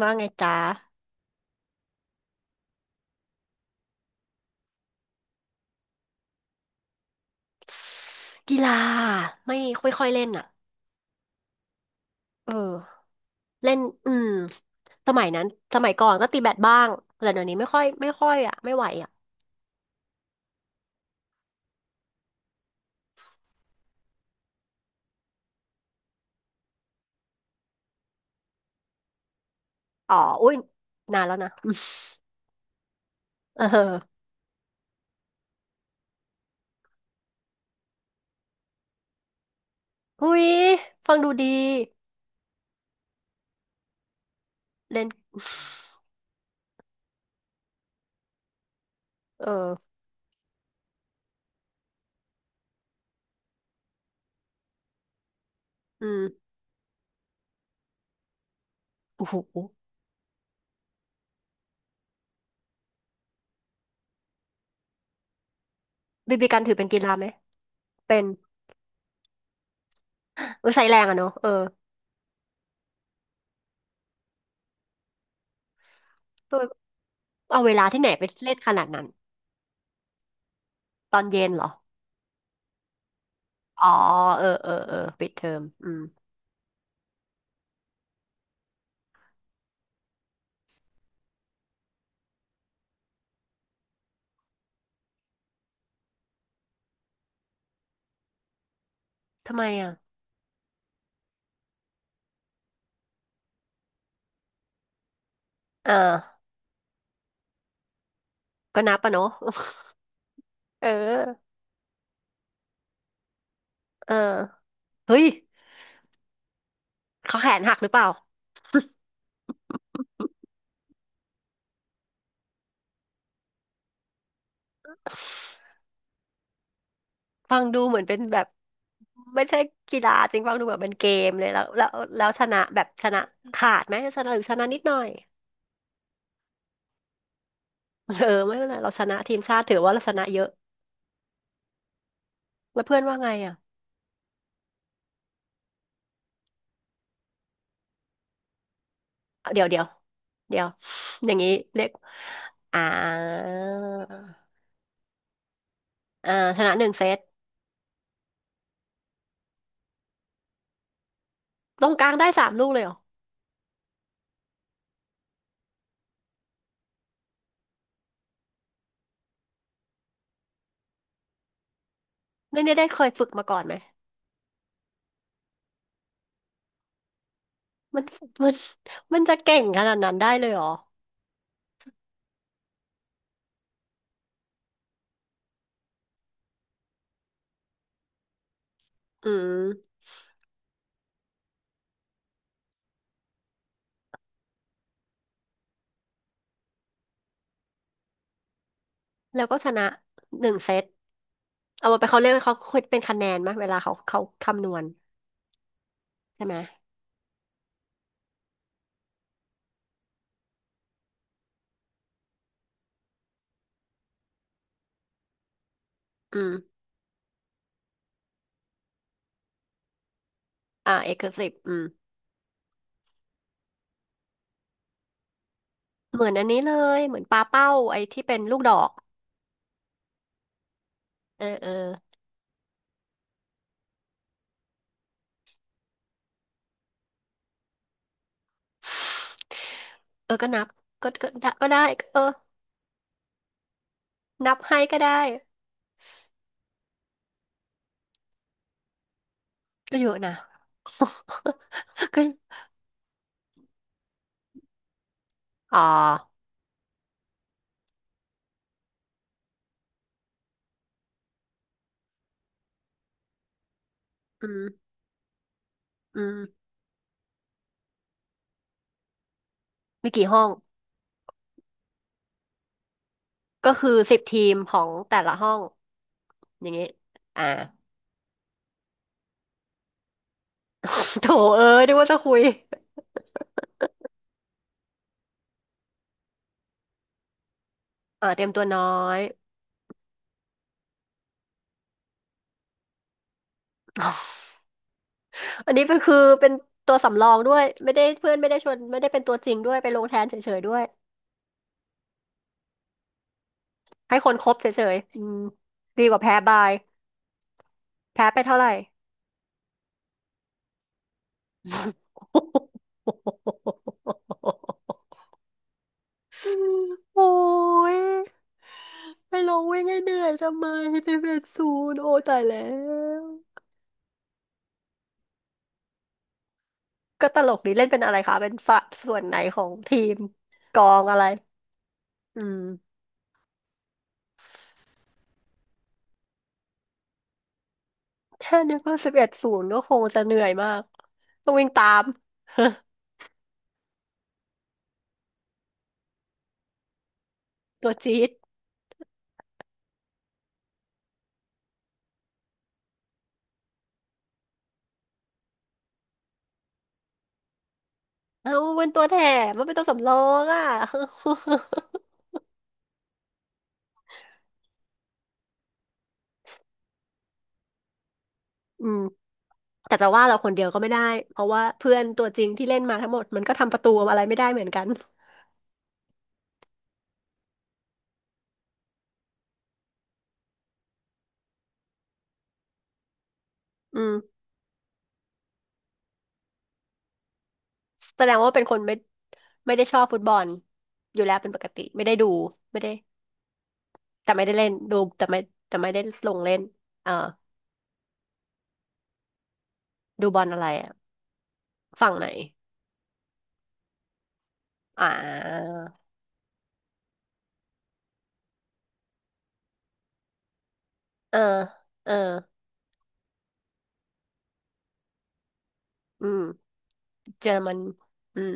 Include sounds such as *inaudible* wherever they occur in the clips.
ว่าไงจ๊ะกีฬาไม่ค่อยค่อยเล่นอ่ะเออเล่นอืมสมัยนั้นสมัยก่อนก็ตีแบดบ้างแต่เดี๋ยวนี้ไม่ค่อยอ่ะไม่ไหวอ่ะอ๋ออุ้ยนานแล้วนะ *laughs* เอออุ้ยฟังดูดีเล่นเอออืมโอ้โหบีบีกันถือเป็นกีฬาไหมเป็นเออใช้แรงอะเนอะเออเอาเวลาที่ไหนไปเล่นขนาดนั้นตอนเย็นเหรออ๋อเออปิดเทอมอืมทำไมอ่ะเออ ก็นับปะเนาะ *laughs* เออเออเฮ้ยเขาแขนหักหรือเปล่า ฟังดูเหมือนเป็นแบบไม่ใช่กีฬาจริงฟังดูแบบเป็นเกมเลยแล้วชนะแบบชนะขาดไหมชนะหรือชนะนิดหน่อย *laughs* เออไม่เป็นไรเราชนะทีมชาติถือว่าเราชนะเยอะแล้วเพื่อนว่าไงอ่ะ เดี๋ยวเดี๋ยวเดี๋ยวอย่างนี้เรียกอ่าอ่าชนะหนึ่งเซตตรงกลางได้สามลูกเลยเหรอนี่ได้เคยฝึกมาก่อนไหมมันมันมันจะเก่งขนาดนั้นได้เลยเหรออืม แล้วก็ชนะหนึ่งเซตเอามาไปเขาเรียกว่าเขาคิดเป็นคะแนนไหมเวลาเขาคำนวณใช่ไหมอืมอ่าเอกสิบอืมเหมือนอันนี้เลยเหมือนปลาเป้าไอ้ที่เป็นลูกดอกเออเออเออก็นับก็ได้ก็ได้เออนับให้ก็ได้ก็เยอะนะ *laughs* ก็อ๋ออืมอืมมีกี่ห้องก็คือ10 ทีมของแต่ละห้องอย่างงี้อ่า *laughs* โถเอ้ยนึกว่าจะคุยอ่าเตรียมตัวน้อย อันนี้เป็นคือเป็นตัวสำรองด้วยไม่ได้เพื่อนไม่ได้ชวนไม่ได้เป็นตัวจริงด้วยไปลงแทนเฉยๆด้วยให้คนครบเฉยๆอืมดีกว่าแพ้บายแพ้ไปเท่าไหร่โอ้ยไปลงวิ่งให้เหนื่อยทำไมสิบเอ็ดศูนย์โอ้ตายแล้วก็ตลกดีเล่นเป็นอะไรคะเป็นฝ่ายส่วนไหนของทีมกองอะไรอืมแค่นึกว่าสิบเอ็ดศูนย์ก็คงจะเหนื่อยมากต้องวิ่งตาม *laughs* ตัวจี๊ด เอาเป็นตัวแถมมันเป็นตัวสำรองอ่ะ *laughs* อืมแต่จะว่าเราคนเดียวก็ไม่ได้ เพราะว่าเพื่อนตัวจริงที่เล่นมาทั้งหมดมันก็ทำประตูอะไรไม่ได้เหมือนกัน *laughs* อืมแสดงว่าเป็นคนไม่ได้ชอบฟุตบอลอยู่แล้วเป็นปกติไม่ได้ดูไม่ได้แต่ไม่ได้เล่นดูแต่ไม่ได้ลงเล่นเออดูบอลอะไรอะฝั่งไหนอ่าเออเอออืมเจอมันอืม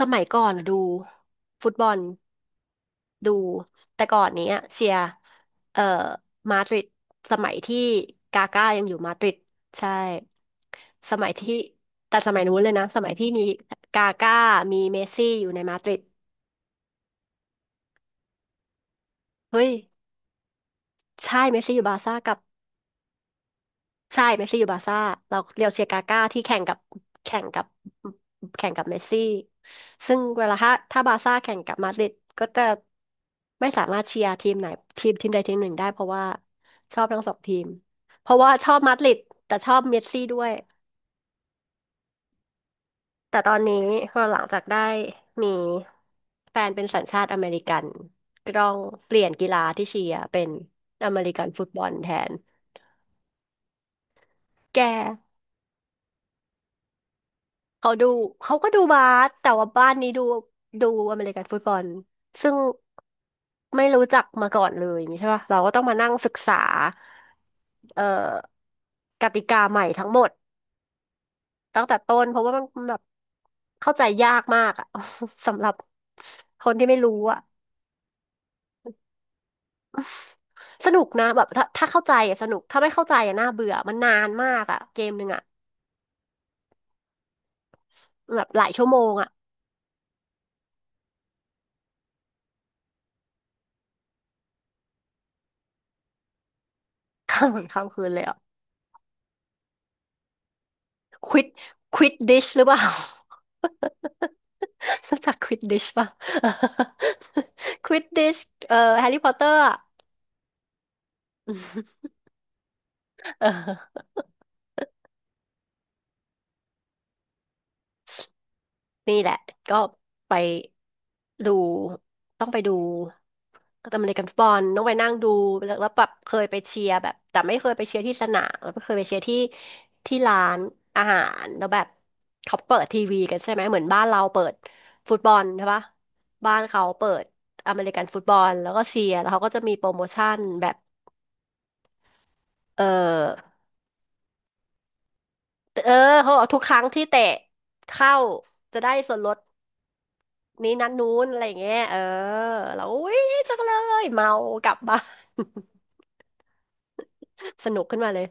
สมัยก่อนอะดูฟุตบอล ดูแต่ก่อนเนี้ยเชียร์เอ่อมาดริดสมัยที่กาก้ายังอยู่มาดริดใช่สมัยที่แต่สมัยนู้นเลยนะสมัยที่มีกาก้ามีเมสซี่อยู่ในมาดริดเฮ้ยใช่เมสซี่อยู่บาร์ซ่ากับ ใช่เมสซี่อยู่บาร์ซ่าเราเรียวเชียร์กาก้าที่แข่งกับแข่งกับแข่งกับเมสซี่ซึ่งเวลาถ้าบาร์ซ่าแข่งกับมาดริดก็จะไม่สามารถเชียร์ทีมไหนทีมใดทีมหนึ่งได้เพราะว่าชอบทั้งสองทีม เพราะว่าชอบมาดริดแต่ชอบเมสซี่ด้วย แต่ตอนนี้พอหลังจากได้มีแฟนเป็นสัญชาติอเมริกันก็ต้องเปลี่ยนกีฬาที่เชียร์เป็นอเมริกันฟุตบอลแทนแก เขาดูเขาก็ดูบาสแต่ว่าบ้านนี้ดูดูอเมริกันฟุตบอลซึ่งไม่รู้จักมาก่อนเลยอย่างงี้ใช่ป่ะเราก็ต้องมานั่งศึกษาเอ่อกติกาใหม่ทั้งหมดตั้งแต่ต้นเพราะว่ามันแบบเข้าใจยากมากอะ *laughs* สำหรับคนที่ไม่รู้อะสนุกนะแบบถ้าเข้าใจอะสนุกถ้าไม่เข้าใจอะน่าเบื่อมันนานมากอะเกมหนึ่งอะแบบหลายชั่วโมงอะ *laughs* ข้ามวันข้ามคืนเลยอะควิดควิดดิชหรือเปล่า *laughs* รู้จักควิดดิชป่ะ *laughs* ควิดดิช *laughs* แฮร์รี่พอตเตอร์อะ *laughs* เออนี่แหละก็ไปดูต้องไปดูอเมริกันฟุตบอลต้องไปนั่งดูแล้วแบบเคยไปเชียร์แบบแต่ไม่เคยไปเชียร์ที่สนามแล้วก็เคยไปเชียร์ที่ที่ร้านอาหารแล้วแบบเขาเปิดทีวีกันใช่ไหมเหมือนบ้านเราเปิดฟุตบอลใช่ปะบ้านเขาเปิดอเมริกันฟุตบอลแล้วก็เชียร์แล้วเขาก็จะมีโปรโมชั่นแบบเออ เออเขาบอกทุกครั้งที่เตะเข้าจะได้ส่วนลดนี้นั้นนู้นอะไรอย่างเงี้ยเออเราอุ้ยจังเลยเมากลับบ้าน *laughs* สนุกขึ้นมาเลย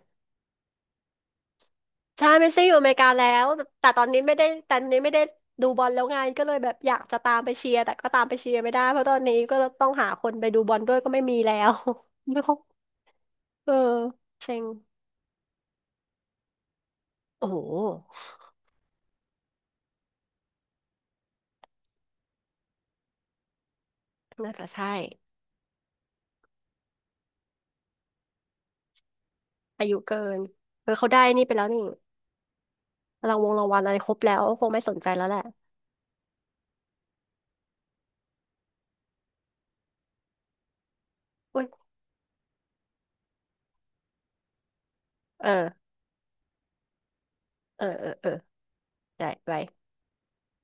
ใช่เมสซี่อยู่อเมริกาแล้วแต่ตอนนี้ไม่ได้แต่ตอนนี้ไม่ได้ดูบอลแล้วไงก็เลยแบบอยากจะตามไปเชียร์แต่ก็ตามไปเชียร์ไม่ได้เพราะตอนนี้ก็ต้องหาคนไปดูบอลด้วยก็ไม่มีแล้ว *laughs* ไม่ครบเออเซ็งโอ้โหน่าจะใช่อายุเกินเออเขาได้นี่ไปแล้วนี่รางวงรางวัลอะไรครบแล้วคงไม่สนใจแล้วแหละ เออเออได้ไป